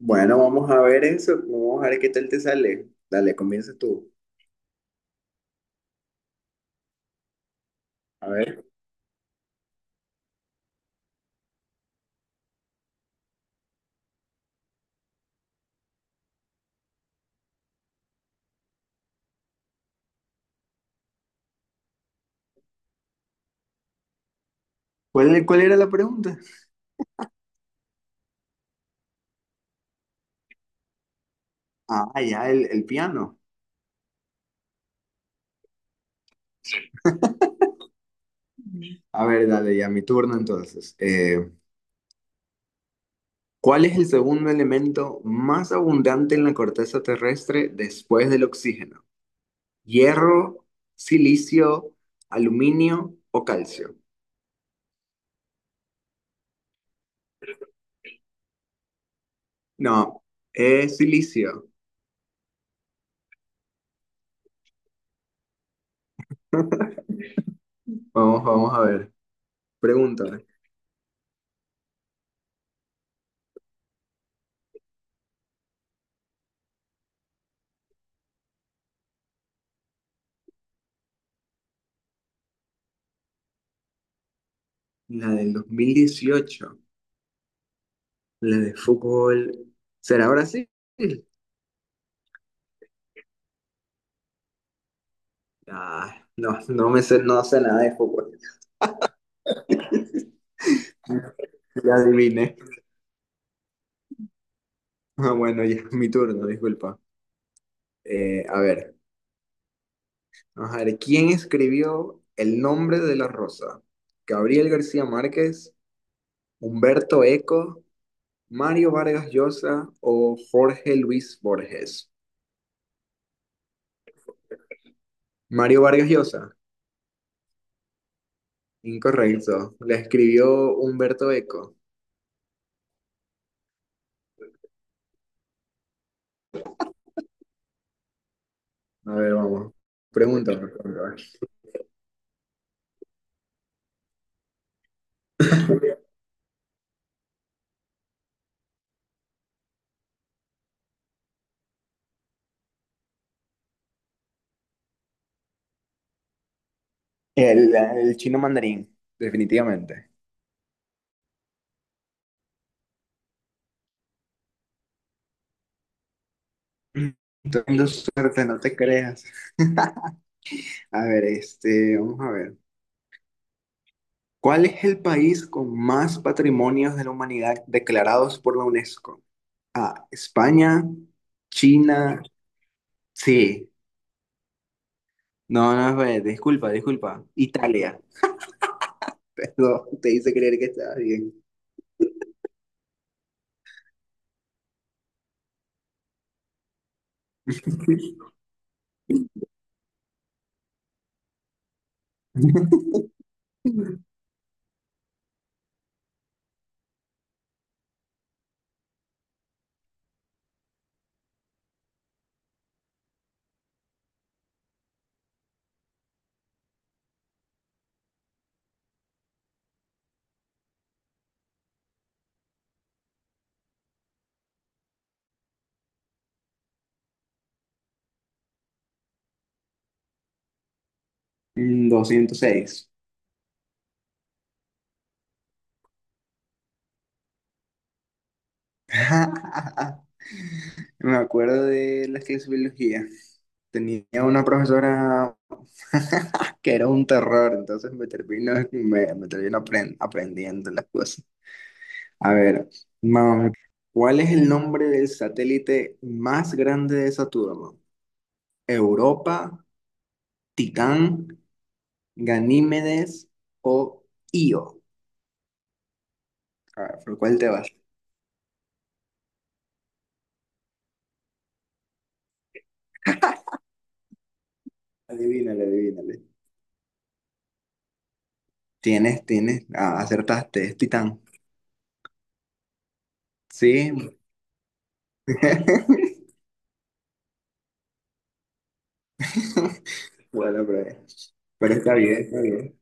Bueno, vamos a ver eso. Vamos a ver qué tal te sale. Dale, comienza tú. A ver. ¿Cuál era la pregunta? Ah, ya, el piano. A ver, dale, ya mi turno entonces. ¿Cuál es el segundo elemento más abundante en la corteza terrestre después del oxígeno? ¿Hierro, silicio, aluminio o calcio? No, es silicio. Vamos a ver. Pregunta. La del 2018, la de fútbol. ¿Será Brasil? Ah, no, no me sé, no sé nada de fútbol. Ya adiviné. Ah, bueno, ya, mi turno, disculpa. A ver, vamos a ver, ¿quién escribió El nombre de la rosa? ¿Gabriel García Márquez, Humberto Eco, Mario Vargas Llosa o Jorge Luis Borges? Mario Vargas Llosa, incorrecto. La escribió Humberto Eco. A ver, vamos. Pregunta, por favor. El chino mandarín, definitivamente. Teniendo suerte, no te creas. A ver, vamos a ver. ¿Cuál es el país con más patrimonios de la humanidad declarados por la UNESCO? A, España, China, sí. No, no, espérate, disculpa, disculpa. Italia. Perdón, te hice creer que estaba bien. Mm, 206. Me acuerdo de las clases de biología. Tenía una profesora que era un terror, entonces me aprendiendo las cosas. A ver, mam, ¿cuál es el nombre del satélite más grande de Saturno? ¿Europa, Titán, Ganímedes o Io? A ver, ¿por cuál te vas? Adivínale, adivínale. Ah, acertaste, es Titán. Sí. Bueno, pero, pero está bien, está bien.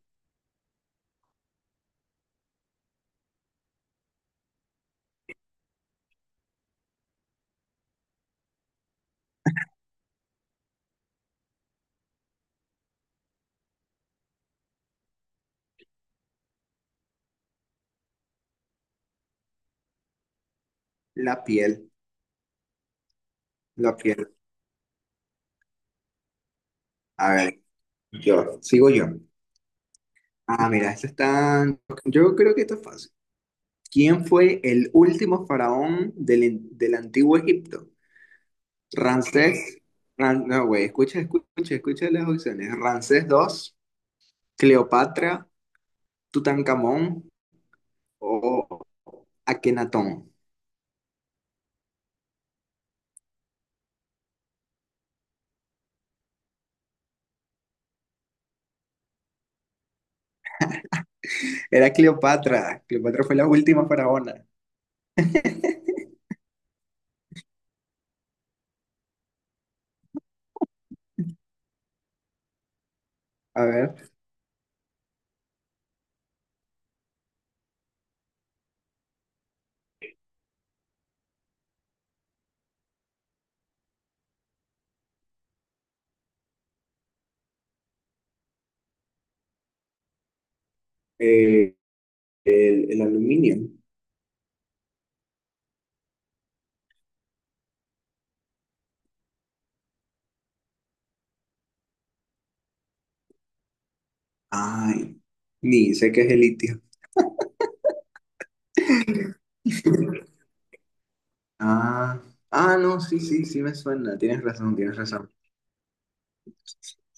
La piel, la piel. A ver. Yo, sigo yo. Ah, mira, esto está. Yo creo que esto es fácil. ¿Quién fue el último faraón del antiguo Egipto? Ramsés. No, güey, escucha, escucha, escucha las opciones. Ramsés II, Cleopatra, Tutankamón o Akenatón. Era Cleopatra. Cleopatra fue la última faraona. A ver, eh, el aluminio. Ay, ni sé qué es el litio. Ah, ah, no, sí, sí, sí me suena. Tienes razón, tienes razón.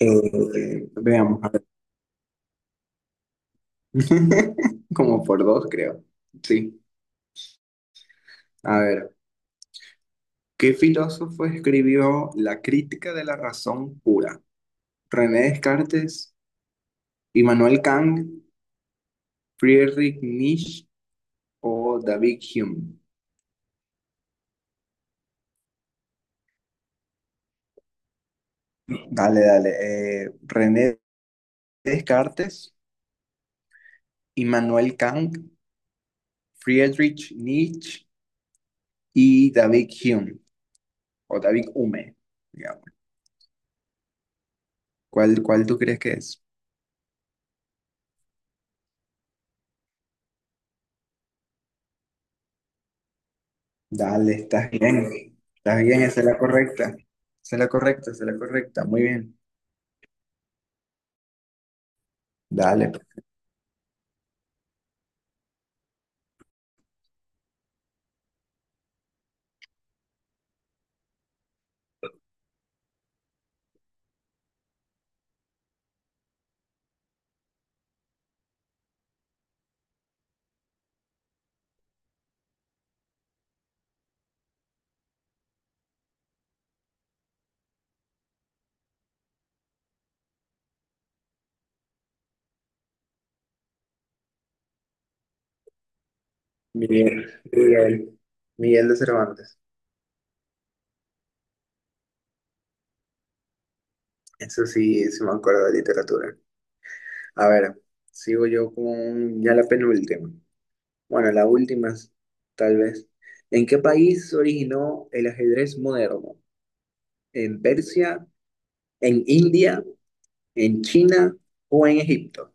Veamos, a ver. Como por dos, creo. Sí, a ver. ¿Qué filósofo escribió La crítica de la razón pura? ¿René Descartes, Immanuel Kant, Friedrich Nietzsche o David Hume? Dale, dale. René Descartes, Immanuel Kant, Friedrich Nietzsche y David Hume, o David Hume. ¿Cuál tú crees que es? Dale, estás bien. Estás bien, esa es la correcta. Esa es la correcta, esa es la correcta. Muy bien. Dale, pues. Miguel, Miguel, Miguel de Cervantes. Eso sí, sí me acuerdo de literatura. A ver, sigo yo con ya la penúltima. Bueno, la última, es- tal vez. ¿En qué país se originó el ajedrez moderno? ¿En Persia, en India, en China o en Egipto?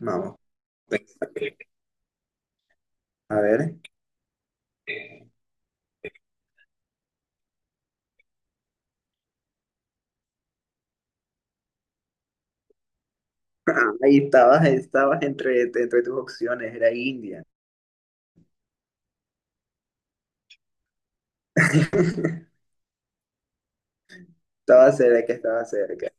Vamos. A ver. Ahí estabas entre tus opciones, era India. Estaba cerca, estaba cerca.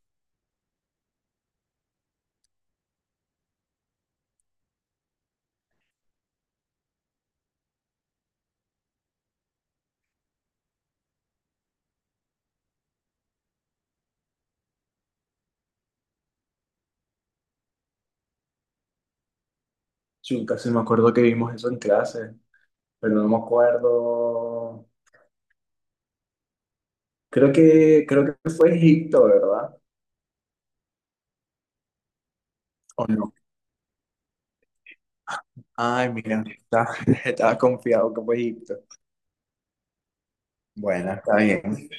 Chuta, sí me acuerdo que vimos eso en clase, pero no me acuerdo. Creo que fue Egipto, ¿verdad? ¿O no? Ay, mira, estaba confiado que fue Egipto. Bueno, está bien.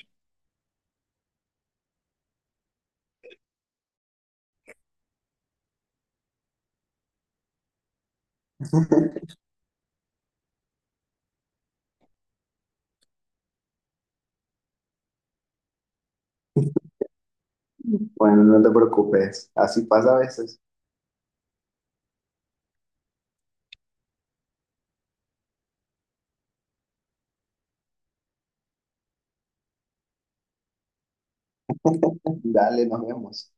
Bueno, no te preocupes, así pasa a veces. Dale, nos vemos.